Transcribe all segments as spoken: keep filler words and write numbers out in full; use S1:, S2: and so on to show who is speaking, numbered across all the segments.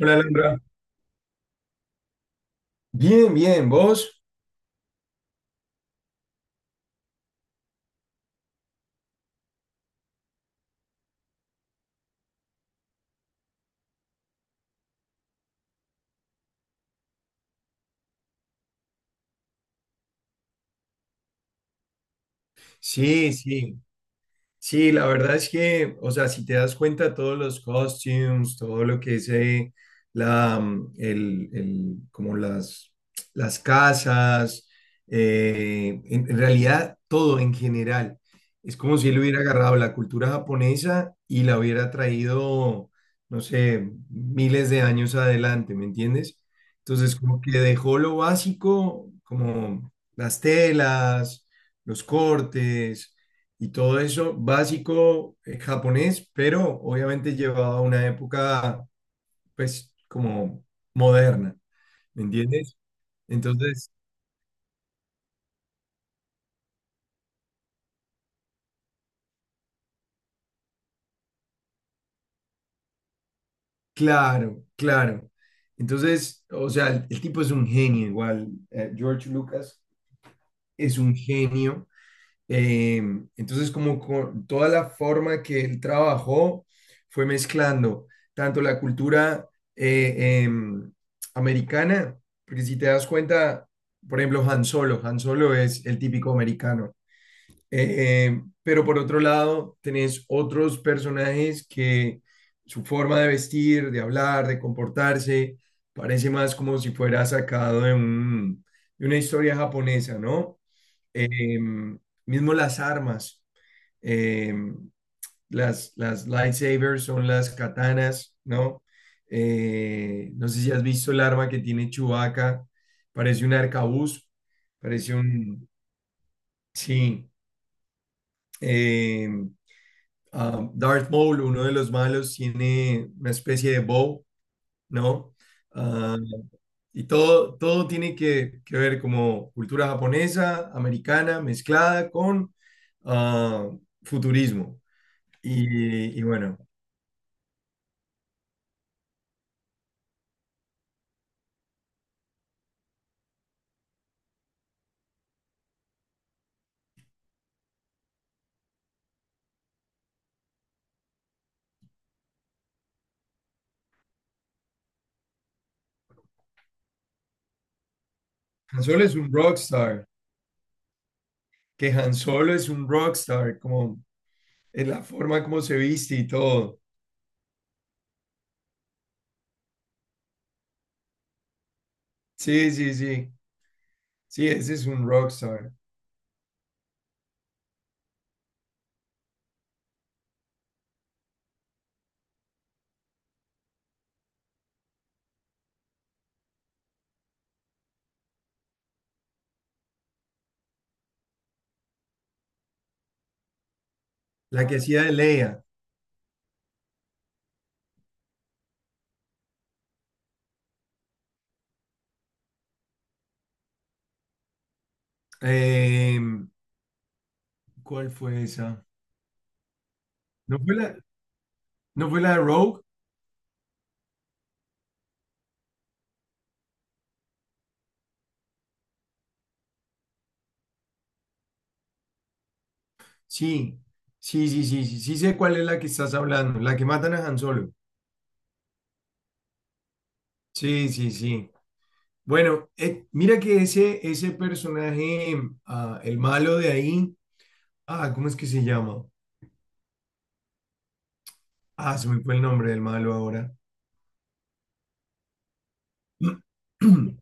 S1: Hola, Alondra. Bien, bien, ¿vos? Sí, sí. Sí, la verdad es que, o sea, si te das cuenta, todos los costumes, todo lo que es eh, la, mm, el, el- como las, las casas, eh, en, en realidad todo en general. Es como si él hubiera agarrado la cultura japonesa y la hubiera traído, no sé, miles de años adelante, ¿me entiendes? Entonces, como que dejó lo básico, como las telas, los cortes y todo eso básico eh, japonés, pero obviamente llevado a una época, pues, como moderna, ¿me entiendes? Entonces, claro, claro. Entonces, o sea, el, el tipo es un genio igual. eh, George Lucas es un genio. Eh, entonces, como con toda la forma que él trabajó, fue mezclando tanto la cultura eh, em, americana, porque si te das cuenta, por ejemplo, Han Solo, Han Solo es el típico americano. Eh, em, pero por otro lado, tenés otros personajes que su forma de vestir, de hablar, de comportarse, parece más como si fuera sacado de un- de una historia japonesa, ¿no? Em, Mismo las armas, em, las, las lightsabers son las katanas, ¿no? Eh, no sé si has visto el arma que tiene Chewbacca, parece un arcabuz, parece un... Sí. em, ah, Darth Maul, uno de los malos, tiene una especie de bow, ¿no? Ah, y todo, todo tiene que, que ver como cultura japonesa, americana, mezclada con ah, futurismo. Y, y bueno, Han Solo es un rockstar, que Han Solo es un rockstar, como en la forma como se viste y todo. Sí, sí, sí, sí, ese es un rockstar. La que hacía de Leia. Em, ¿Cuál fue esa? ¿No fue la, no fue la de Rogue? Sí, sí, sí, sí, sí, sí sé cuál es la que estás hablando, la que matan a Han Solo. Sí, sí, sí. Bueno, eh, mira que ese, ese personaje, ah, el malo de ahí, ah, ¿cómo es que se llama? Ah, se me fue el nombre del malo ahora.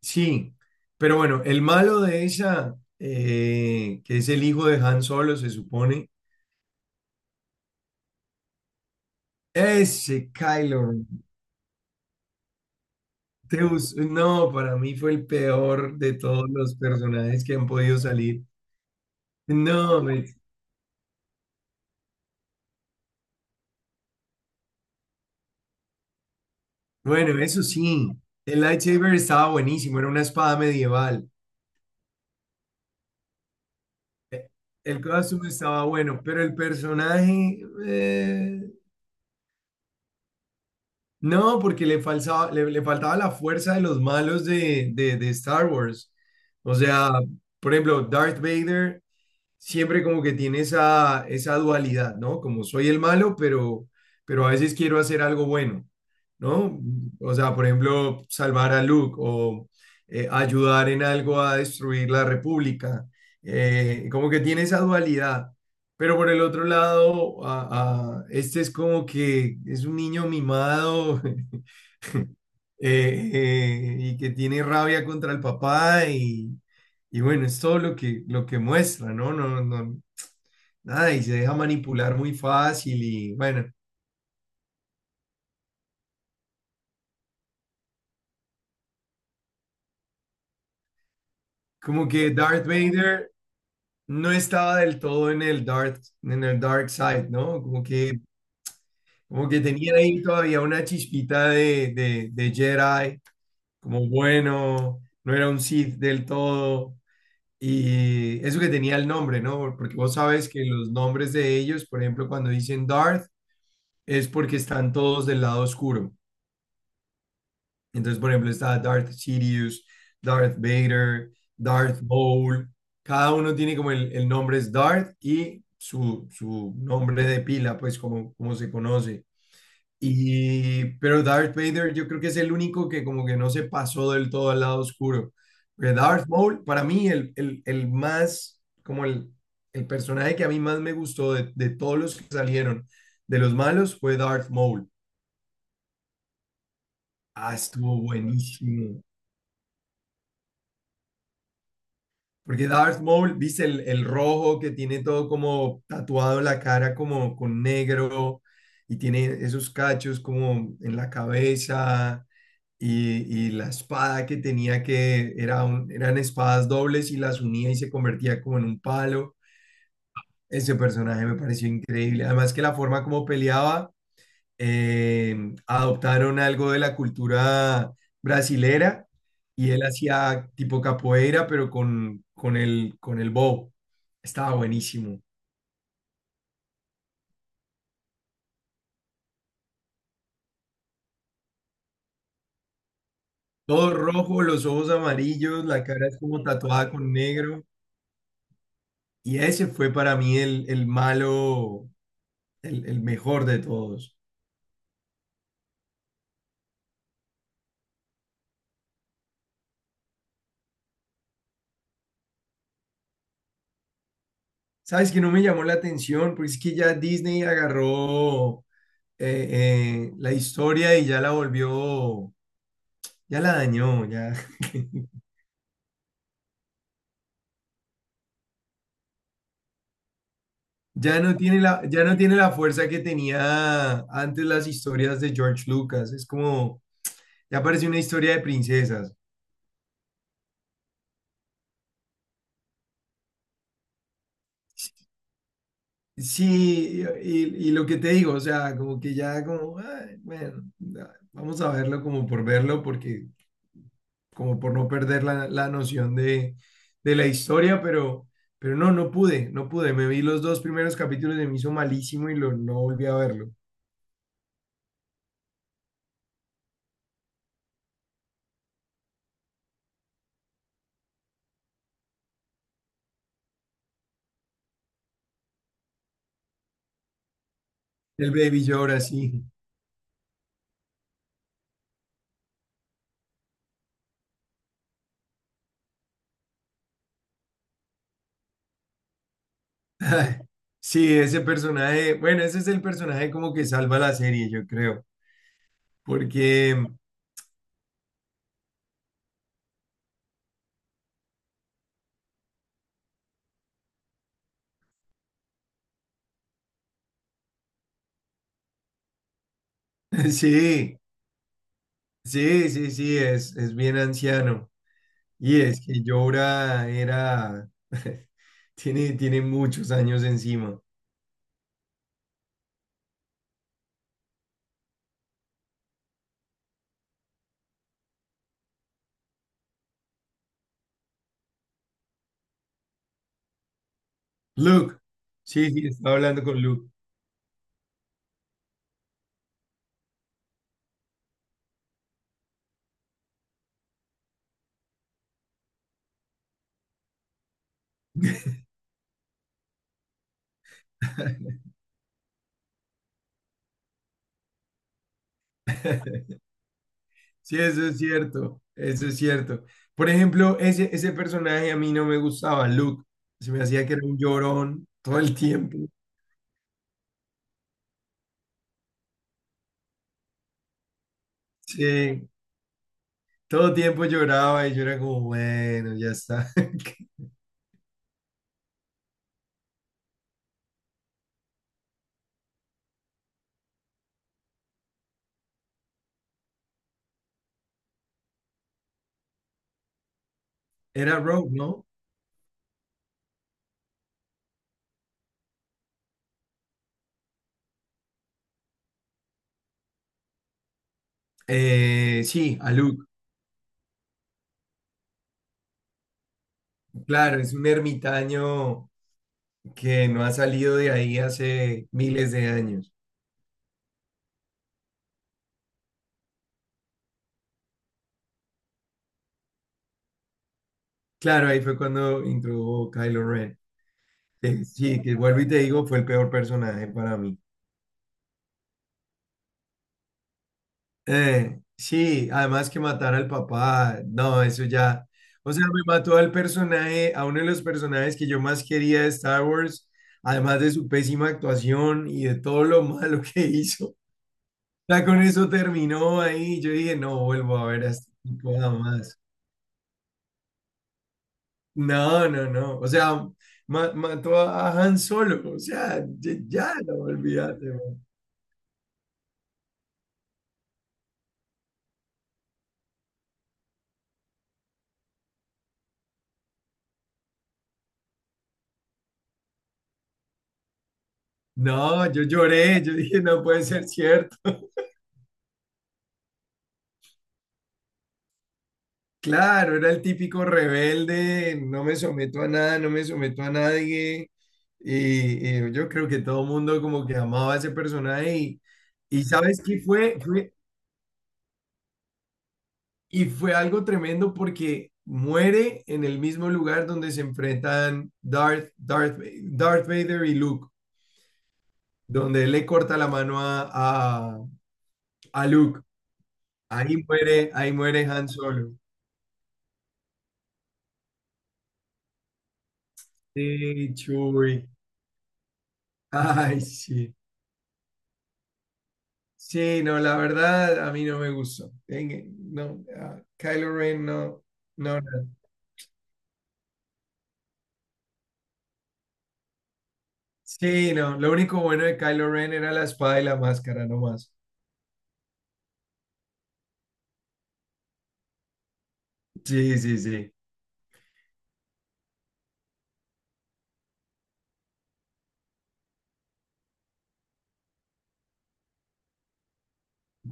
S1: Sí, pero bueno, el malo de esa, eh, que es el hijo de Han Solo, se supone, ese Kylo Ren. Deus, no, para mí fue el peor de todos los personajes que han podido salir. No, hombre. Bueno, eso sí. El lightsaber estaba buenísimo, era una espada medieval. Eh, El costume estaba bueno, pero el personaje. eh, No, porque le falsaba- le, le faltaba la fuerza de los malos de, de, de Star Wars. O sea, por ejemplo, Darth Vader siempre como que tiene esa, esa dualidad, ¿no? Como, soy el malo, pero, pero a veces quiero hacer algo bueno, ¿no? O sea, por ejemplo, salvar a Luke o eh, ayudar en algo a destruir la República. Eh, como que tiene esa dualidad. Pero por el otro lado, a- a- este es como que es un niño mimado. Eh, eh, y que tiene rabia contra el papá, y, y bueno, es todo lo que, lo que muestra, ¿no? No, no, nada, y se deja manipular muy fácil. Y bueno, como que Darth Vader no estaba del todo en el dark, en el dark side, ¿no? Como que, como que tenía ahí todavía una chispita de, de, de Jedi, como bueno, no era un Sith del todo. Y eso que tenía el nombre, ¿no? Porque vos sabes que los nombres de ellos, por ejemplo, cuando dicen Darth, es porque están todos del lado oscuro. Entonces, por ejemplo, está Darth Sidious, Darth Vader, Darth Maul. Cada uno tiene como el, el nombre es Darth y su, su nombre de pila, pues como, como se conoce. Y, pero Darth Vader, yo creo que es el único que como que no se pasó del todo al lado oscuro. Porque Darth Maul, para mí, el, el, el más, como el, el personaje que a mí más me gustó de, de todos los que salieron de los malos, fue Darth Maul. Ah, estuvo buenísimo. Porque Darth Maul, viste el, el rojo que tiene todo como tatuado en la cara, como con negro, y tiene esos cachos como en la cabeza, y, y la espada que tenía, que era un- eran espadas dobles y las unía y se convertía como en un palo. Ese personaje me pareció increíble. Además, que la forma como peleaba, eh, adoptaron algo de la cultura brasilera, y él hacía tipo capoeira, pero con, con el, con el bow. Estaba buenísimo. Todo rojo, los ojos amarillos, la cara es como tatuada con negro. Y ese fue para mí el, el malo, el, el mejor de todos. ¿Sabes que no me llamó la atención? Porque es que ya Disney agarró eh, eh, la historia y ya la volvió, ya la dañó, ya. Ya no tiene la, ya no tiene la fuerza que tenía antes las historias de George Lucas. Es como, ya parece una historia de princesas. Sí, y, y lo que te digo, o sea, como que ya como, "Ay, bueno, ya, vamos a verlo como por verlo, porque como por no perder la, la noción de, de la historia, pero, pero no, no pude, no pude. Me vi los dos primeros capítulos y me hizo malísimo y lo, no volví a verlo. El Baby Yoda, sí. Ay, sí, ese personaje, bueno, ese es el personaje como que salva la serie, yo creo, porque sí, sí, sí, sí, es, es bien anciano. Y es que Jorah era, tiene, tiene muchos años encima. Luke, sí, sí, estaba hablando con Luke. Sí, eso es cierto, eso es cierto. Por ejemplo, ese, ese personaje a mí no me gustaba, Luke. Se me hacía que era un llorón todo el tiempo. Sí, todo tiempo lloraba y yo era como, bueno, ya está. Era Rogue, ¿no? Eh, sí, Aluk. Claro, es un ermitaño que no ha salido de ahí hace miles de años. Claro, ahí fue cuando introdujo Kylo Ren. Eh, sí, que vuelvo y te digo, fue el peor personaje para mí. Eh, sí, además, que matar al papá, no, eso ya. O sea, me mató al personaje, a uno de los personajes que yo más quería de Star Wars, además de su pésima actuación y de todo lo malo que hizo. Ya con eso terminó ahí. Yo dije, no vuelvo a ver a este tipo jamás. No, no, no. O sea, ma- mató a a Han Solo. O sea, ya, ya no, olvídate, man. No, yo lloré. Yo dije, no puede ser cierto. Claro, era el típico rebelde, no me someto a nada, no me someto a nadie. Y, y yo creo que todo el mundo como que amaba a ese personaje. Y, y ¿sabes qué fue? Fue- Y fue algo tremendo porque muere en el mismo lugar donde se enfrentan Darth, Darth, Va- Darth Vader y Luke, donde él le corta la mano a, a, a Luke. Ahí muere, ahí muere Han Solo. Sí, Chewie. Ay, sí. Sí, no, la verdad a mí no me gustó. En- e, No, a Kylo Ren no, no, no. Sí, no, lo único bueno de Kylo Ren era la espada y la máscara, no más. Sí, sí, sí.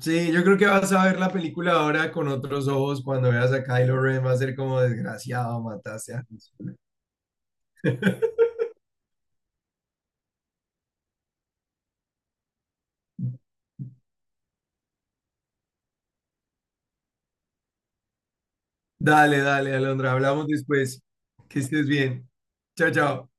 S1: Sí, yo creo que vas a ver la película ahora con otros ojos. Cuando veas a Kylo Ren va a ser como, "desgraciado, mataste a Jesús". Dale, dale, Alondra, hablamos después. Que estés bien. Chao, chao.